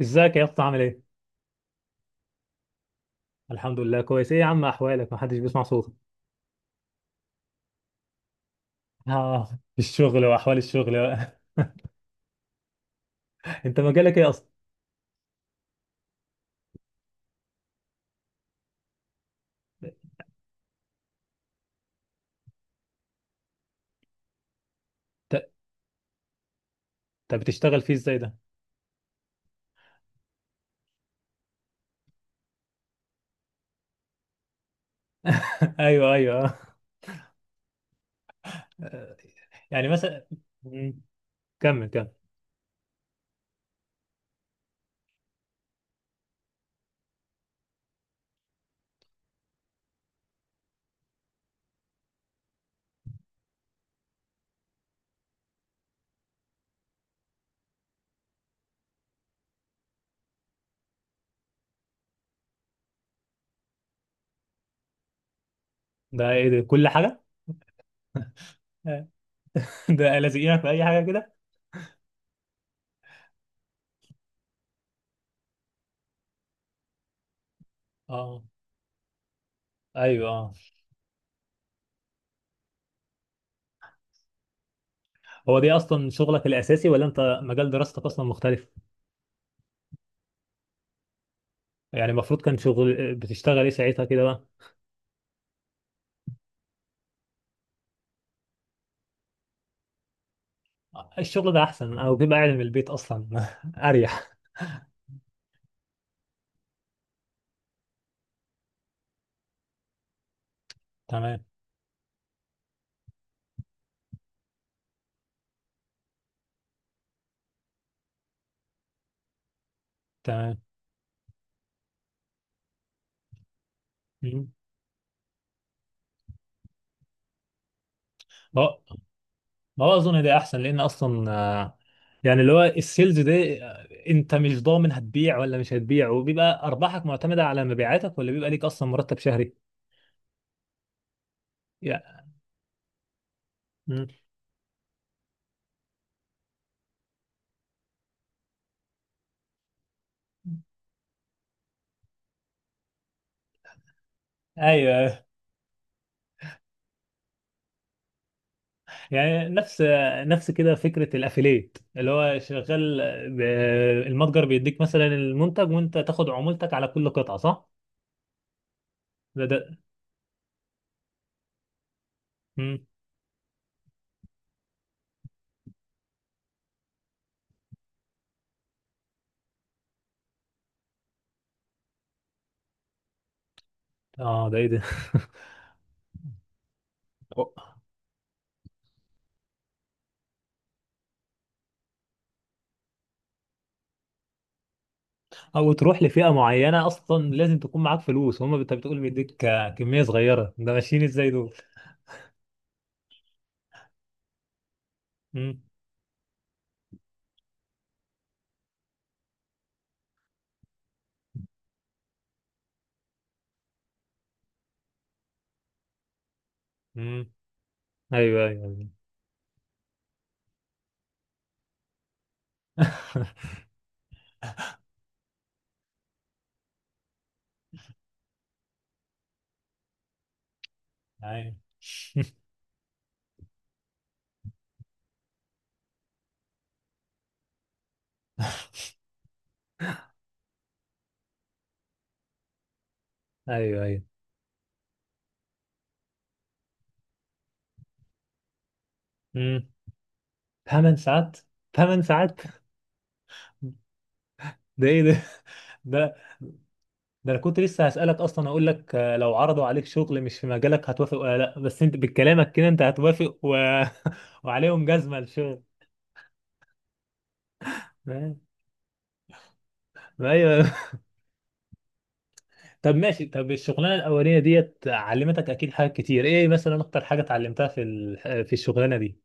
ازيك يا اسطى عامل ايه؟ الحمد لله كويس، ايه يا عم احوالك، محدش بيسمع صوتك؟ اه، الشغل واحوال الشغل بقى. انت مجالك ايه اصلا؟ ت- طب بتشتغل فيه ازاي ده؟ ايوه، ايوه. آه. يعني مثلا. مم. كمل كمل. ده ايه ده كل حاجه؟ آه. ده لازقينك في اي حاجه كده؟ اه، ايوه، اه. هو دي اصلا شغلك الاساسي ولا انت مجال دراستك اصلا مختلف؟ يعني المفروض كان شغل بتشتغل ايه ساعتها كده بقى؟ الشغل ده احسن، او بيبقى قاعد من البيت اصلا. اريح. تمام. تمام. ما ما هو اظن ده احسن لان اصلا، يعني اللي هو السيلز ده انت مش ضامن هتبيع ولا مش هتبيع، وبيبقى ارباحك معتمده على مبيعاتك، ولا بيبقى ليك اصلا مرتب شهري؟ يعني. مم. ايوه، أيوه. يعني نفس كده فكره الافيليت اللي هو شغال، ب- المتجر بيديك مثلا المنتج وانت تاخد عمولتك على كل قطعه، صح؟ ده. مم. اه، ده ايه ده؟ او تروح لفئه معينه، اصلا لازم تكون معاك فلوس. هم انت بتقول بيديك كميه صغيره، ده ماشيين ازاي دول؟ امم. امم. ايوه، ايوه. ايوه، ايوه، ايوه. امم. 8 ساعات. 8 ساعات. ده ايه ده، ده ده انا كنت لسه هسألك اصلا، اقول لك لو عرضوا عليك شغل مش في مجالك هتوافق ولا لا؟ بس انت بكلامك كده انت هتوافق و... وعليهم جزمة الشغل. ما- ما، ايوه. طب ماشي، طب الشغلانه الاولانيه ديت علمتك اكيد حاجات كتير، ايه مثلا اكتر حاجه اتعلمتها في الشغلانه دي؟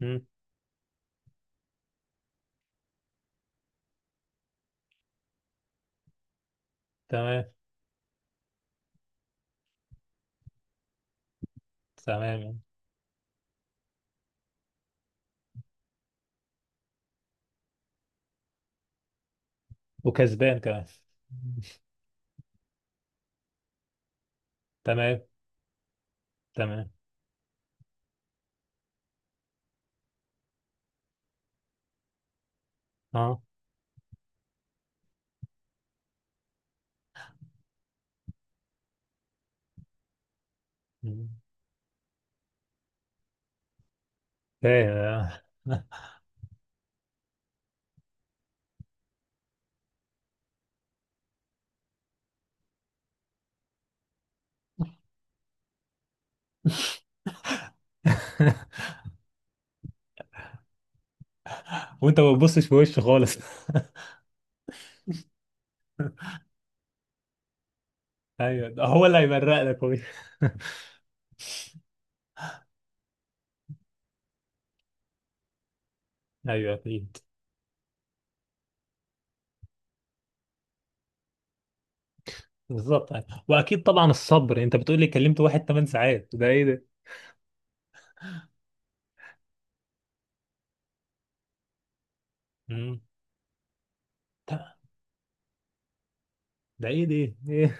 مم. تمام. تمام. وكسبان كمان. تمام. تمام. اه. مم. فاهم، آه. وانت ما بتبصش في وشه خالص. ايوه، ده هو اللي هيبرق لك هو. ايوه، اكيد. بالظبط. واكيد طبعا الصبر، انت بتقول لي كلمت واحد 8 ساعات، ده ايه ده. مم. ده ايه ده. ايه.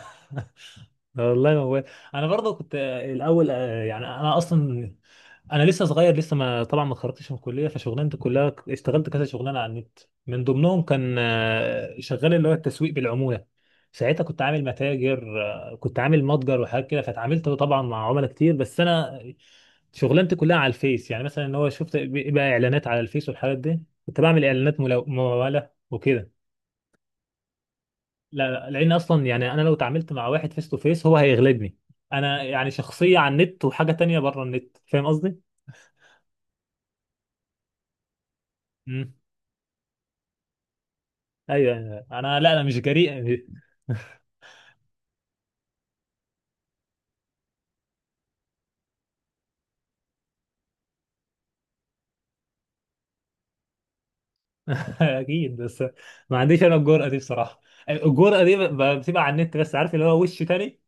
والله موال. انا برضه كنت الاول يعني انا اصلا، انا لسه صغير لسه، ما طبعا ما اتخرجتش من الكليه، فشغلانتي كلها اشتغلت كذا شغلانه على النت. من ضمنهم كان شغال اللي هو التسويق بالعموله. ساعتها كنت عامل متجر وحاجات كده، فاتعاملت طبعا مع عملاء كتير، بس انا شغلانتي كلها على الفيس. يعني مثلا ان هو شفت بقى اعلانات على الفيس والحاجات دي، كنت بعمل اعلانات مموله وكده. لا، لا، لان اصلا يعني انا لو اتعاملت مع واحد فيس تو فيس هو هيغلبني. انا يعني شخصيه على النت وحاجه تانية بره النت، فاهم قصدي؟ امم. ايوه، أيوة. انا، لا، انا مش جريء. اكيد، بس ما عنديش انا الجرأه دي بصراحه. الجرأه دي بتبقى على النت بس، عارف اللي هو وش تاني.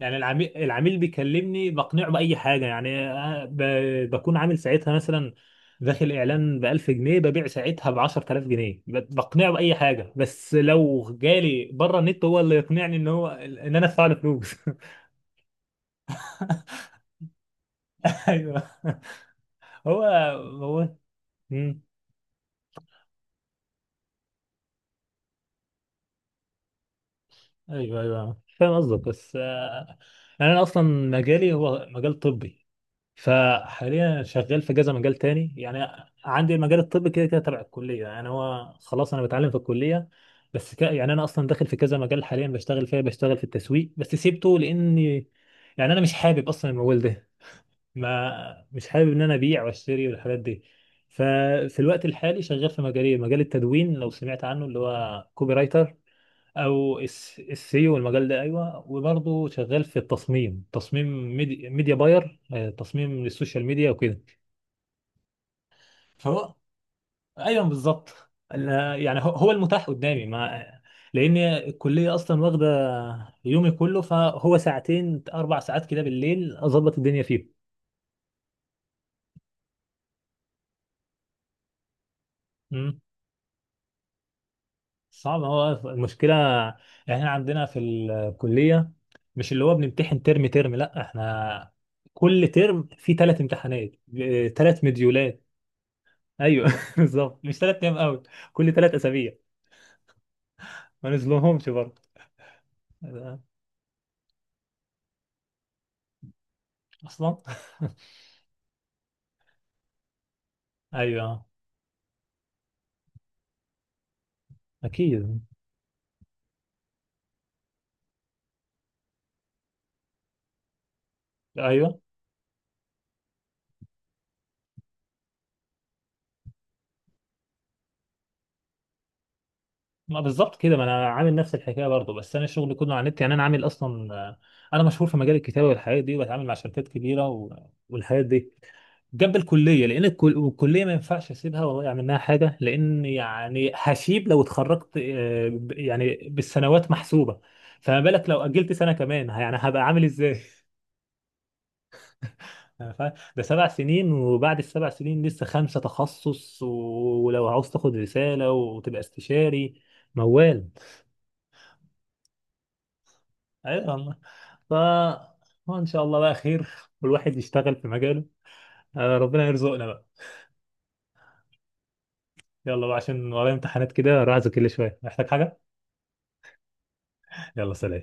يعني العميل بيكلمني بقنعه بأي حاجة، يعني بكون عامل ساعتها مثلا داخل إعلان ب 1000 جنيه، ببيع ساعتها ب 10000 جنيه، بقنعه بأي حاجة. بس لو جالي بره النت هو اللي يقنعني إن هو إن أنا أدفع له فلوس. أيوه. هو. هو. مم. أيوه، أيوه، فاهم قصدك، بس يعني أنا أصلا مجالي هو مجال طبي، فحاليا شغال في كذا مجال تاني يعني. عندي المجال الطبي كده كده تبع الكلية، يعني هو خلاص أنا بتعلم في الكلية. بس يعني أنا أصلا داخل في كذا مجال حاليا بشتغل فيها، بشتغل في التسويق بس سيبته، لأني يعني أنا مش حابب أصلا المجال ده. ما مش حابب إن أنا أبيع وأشتري والحاجات دي. ففي الوقت الحالي شغال في مجالي، مجال التدوين، لو سمعت عنه اللي هو كوبي رايتر او السيو، والمجال ده. ايوه، وبرضه شغال في التصميم، تصميم ميديا باير، تصميم للسوشيال ميديا وكده. فهو، ايوه بالظبط. أنا- يعني هو هو المتاح قدامي، مع لان الكليه اصلا واخده يومي كله، فهو ساعتين، 4 ساعات كده بالليل اظبط الدنيا فيه. مم. صعب، هو المشكله يعني احنا عندنا في الكليه، مش اللي هو بنمتحن ترم ترم، لا احنا كل ترم فيه 3 امتحانات، 3 مديولات. ايوه بالظبط، مش 3 ايام قوي، كل 3 اسابيع. ما نزلوهمش برضه؟ اصلا. ايوه، آه. اكيد. ايوه. ما بالظبط كده، ما انا عامل نفس الحكايه برضه، بس انا شغلي كله على النت. يعني انا عامل اصلا، انا مشهور في مجال الكتابه والحاجات دي، وبتعامل مع شركات كبيره و... والحاجات دي جنب الكليه، لان الكليه ما ينفعش اسيبها واضيع منها حاجه، لان يعني هشيب. لو اتخرجت يعني بالسنوات محسوبه، فما بالك لو اجلت سنه كمان، يعني هبقى عامل ازاي؟ أنا فاهم، ده 7 سنين، وبعد ال7 سنين لسه خمسة تخصص، ولو عاوز تاخد رسالة وتبقى استشاري، موال. ايوه والله. ف وان شاء الله بقى خير، والواحد يشتغل في مجاله. آه، ربنا يرزقنا بقى. يلا بقى، عشان ورايا امتحانات كده، راح اذاكر لي شوية، محتاج حاجة. يلا سلام.